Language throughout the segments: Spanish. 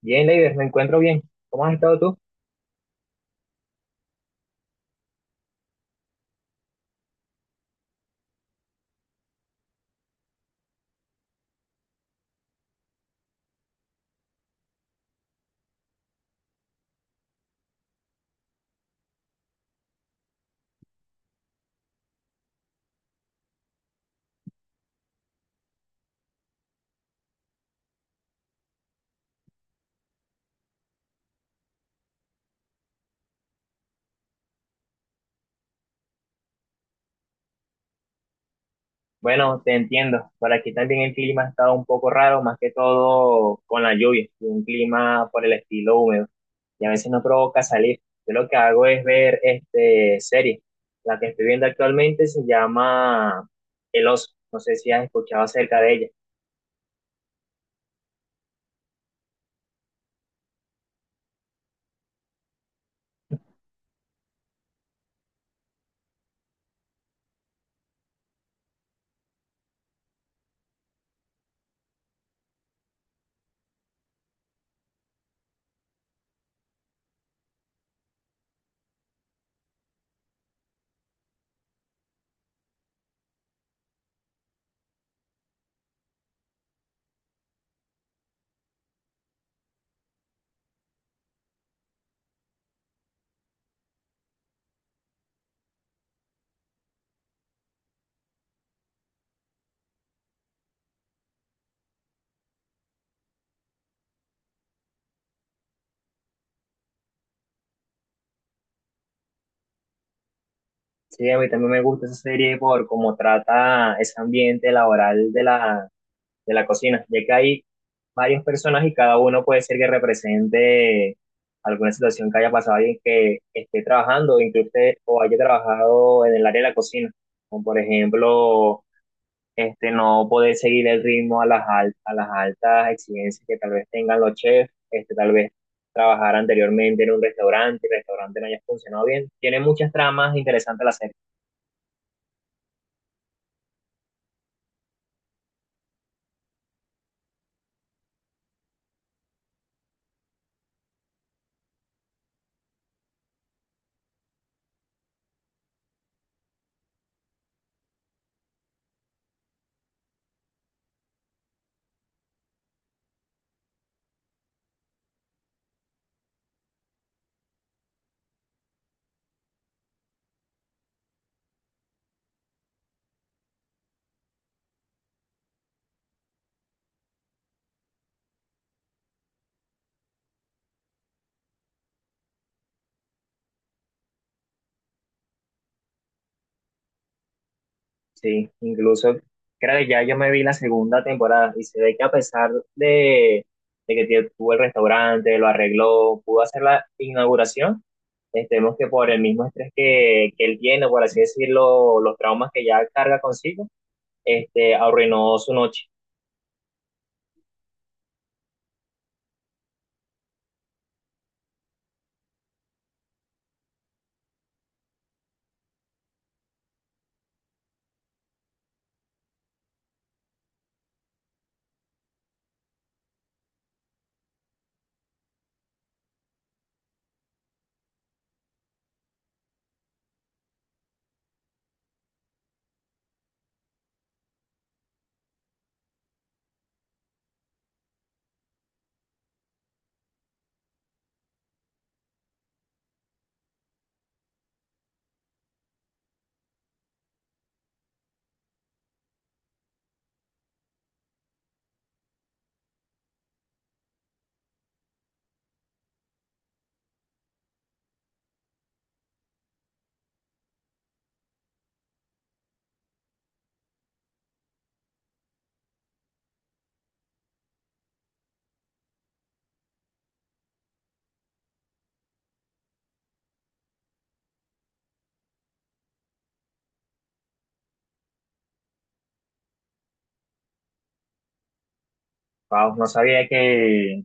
Bien, Leider, me encuentro bien. ¿Cómo has estado tú? Bueno, te entiendo. Por aquí también el clima ha estado un poco raro, más que todo con la lluvia, y un clima por el estilo húmedo. Y a veces no provoca salir. Yo lo que hago es ver este serie. La que estoy viendo actualmente se llama El Oso. No sé si has escuchado acerca de ella. Sí, a mí también me gusta esa serie por cómo trata ese ambiente laboral de la cocina, ya que hay varios personas y cada uno puede ser que represente alguna situación que haya pasado alguien que esté trabajando, incluso o haya trabajado en el área de la cocina, como por ejemplo, no poder seguir el ritmo a a las altas exigencias que tal vez tengan los chefs, tal vez trabajar anteriormente en un restaurante, el restaurante no haya funcionado bien. Tiene muchas tramas interesantes la serie. Sí, incluso creo que ya yo me vi la segunda temporada y se ve que a pesar de que tuvo el restaurante, lo arregló, pudo hacer la inauguración, estemos que por el mismo estrés que él tiene, por así decirlo, los traumas que ya carga consigo, arruinó su noche. Wow, no sabía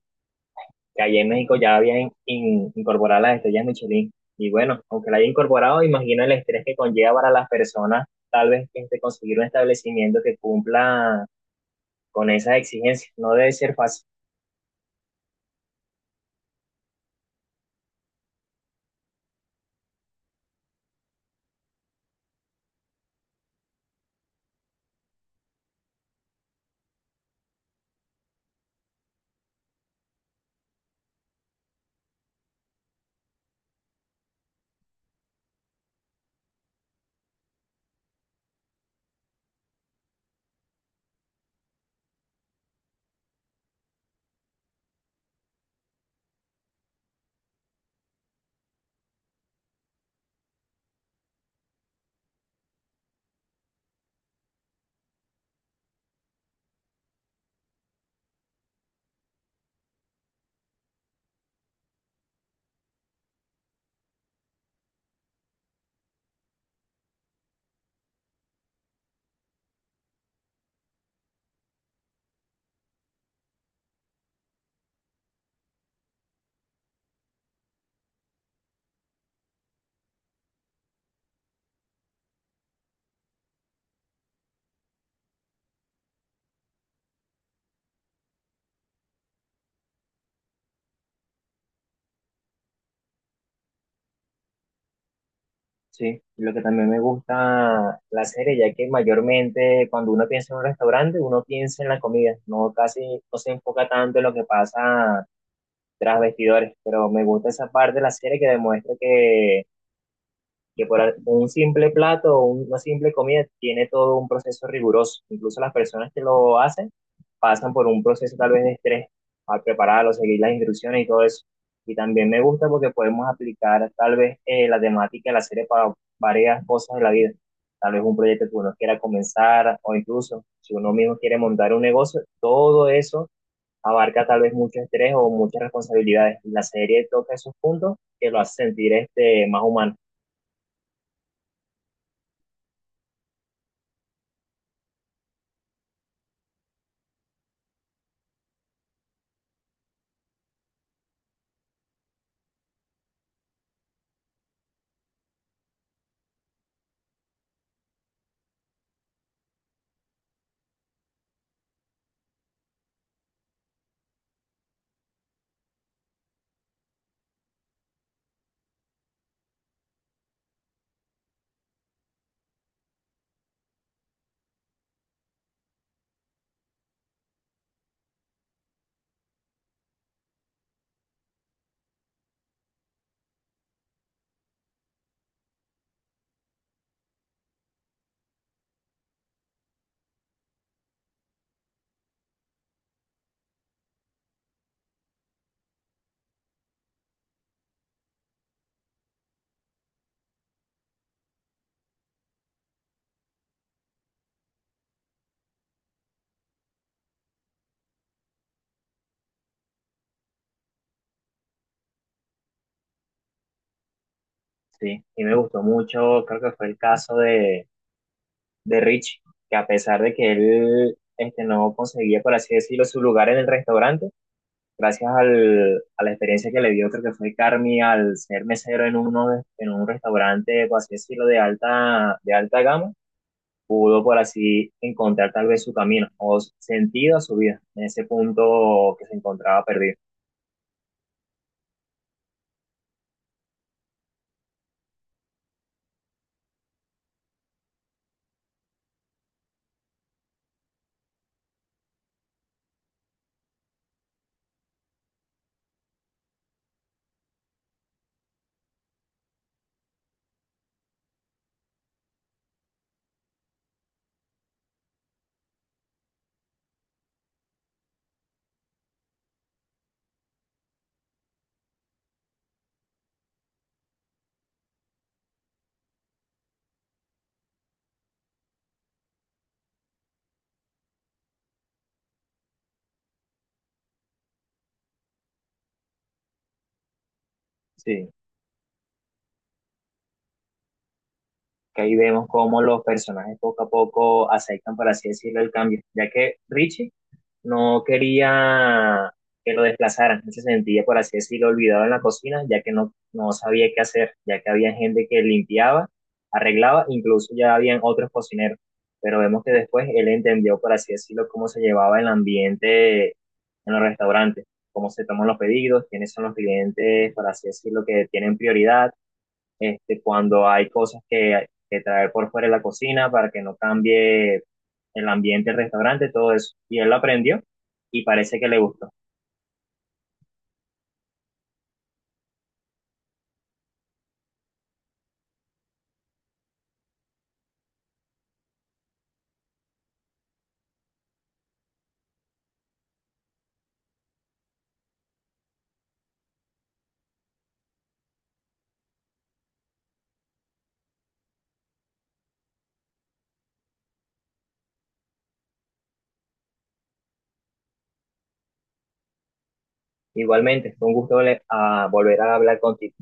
que allá en México ya habían incorporado las estrellas Michelin. Y bueno, aunque la haya incorporado, imagino el estrés que conlleva para las personas tal vez conseguir un establecimiento que cumpla con esas exigencias. No debe ser fácil, sí. Lo que también me gusta la serie, ya que mayormente cuando uno piensa en un restaurante, uno piensa en la comida, no casi no se enfoca tanto en lo que pasa tras vestidores, pero me gusta esa parte de la serie que demuestra que por un simple plato o una simple comida tiene todo un proceso riguroso. Incluso las personas que lo hacen pasan por un proceso tal vez de estrés al prepararlo, seguir las instrucciones y todo eso. Y también me gusta porque podemos aplicar tal vez la temática de la serie para varias cosas de la vida. Tal vez un proyecto que uno quiera comenzar o incluso si uno mismo quiere montar un negocio, todo eso abarca tal vez mucho estrés o muchas responsabilidades. La serie toca esos puntos que lo hace sentir más humano. Sí, y me gustó mucho, creo que fue el caso de Rich, que a pesar de que él no conseguía, por así decirlo, su lugar en el restaurante, gracias al, a la experiencia que le dio, creo que fue Carmi al ser mesero en un restaurante, por así decirlo, de alta gama, pudo por así encontrar tal vez su camino o sentido a su vida en ese punto que se encontraba perdido. Sí, que ahí vemos cómo los personajes poco a poco aceptan, por así decirlo, el cambio, ya que Richie no quería que lo desplazaran, se sentía, por así decirlo, olvidado en la cocina, ya que no sabía qué hacer, ya que había gente que limpiaba, arreglaba, incluso ya habían otros cocineros, pero vemos que después él entendió, por así decirlo, cómo se llevaba el ambiente en los restaurantes, cómo se toman los pedidos, quiénes son los clientes, por así decirlo, que tienen prioridad, cuando hay cosas que traer por fuera de la cocina para que no cambie el ambiente del restaurante, todo eso. Y él lo aprendió y parece que le gustó. Igualmente, fue un gusto a volver a hablar contigo.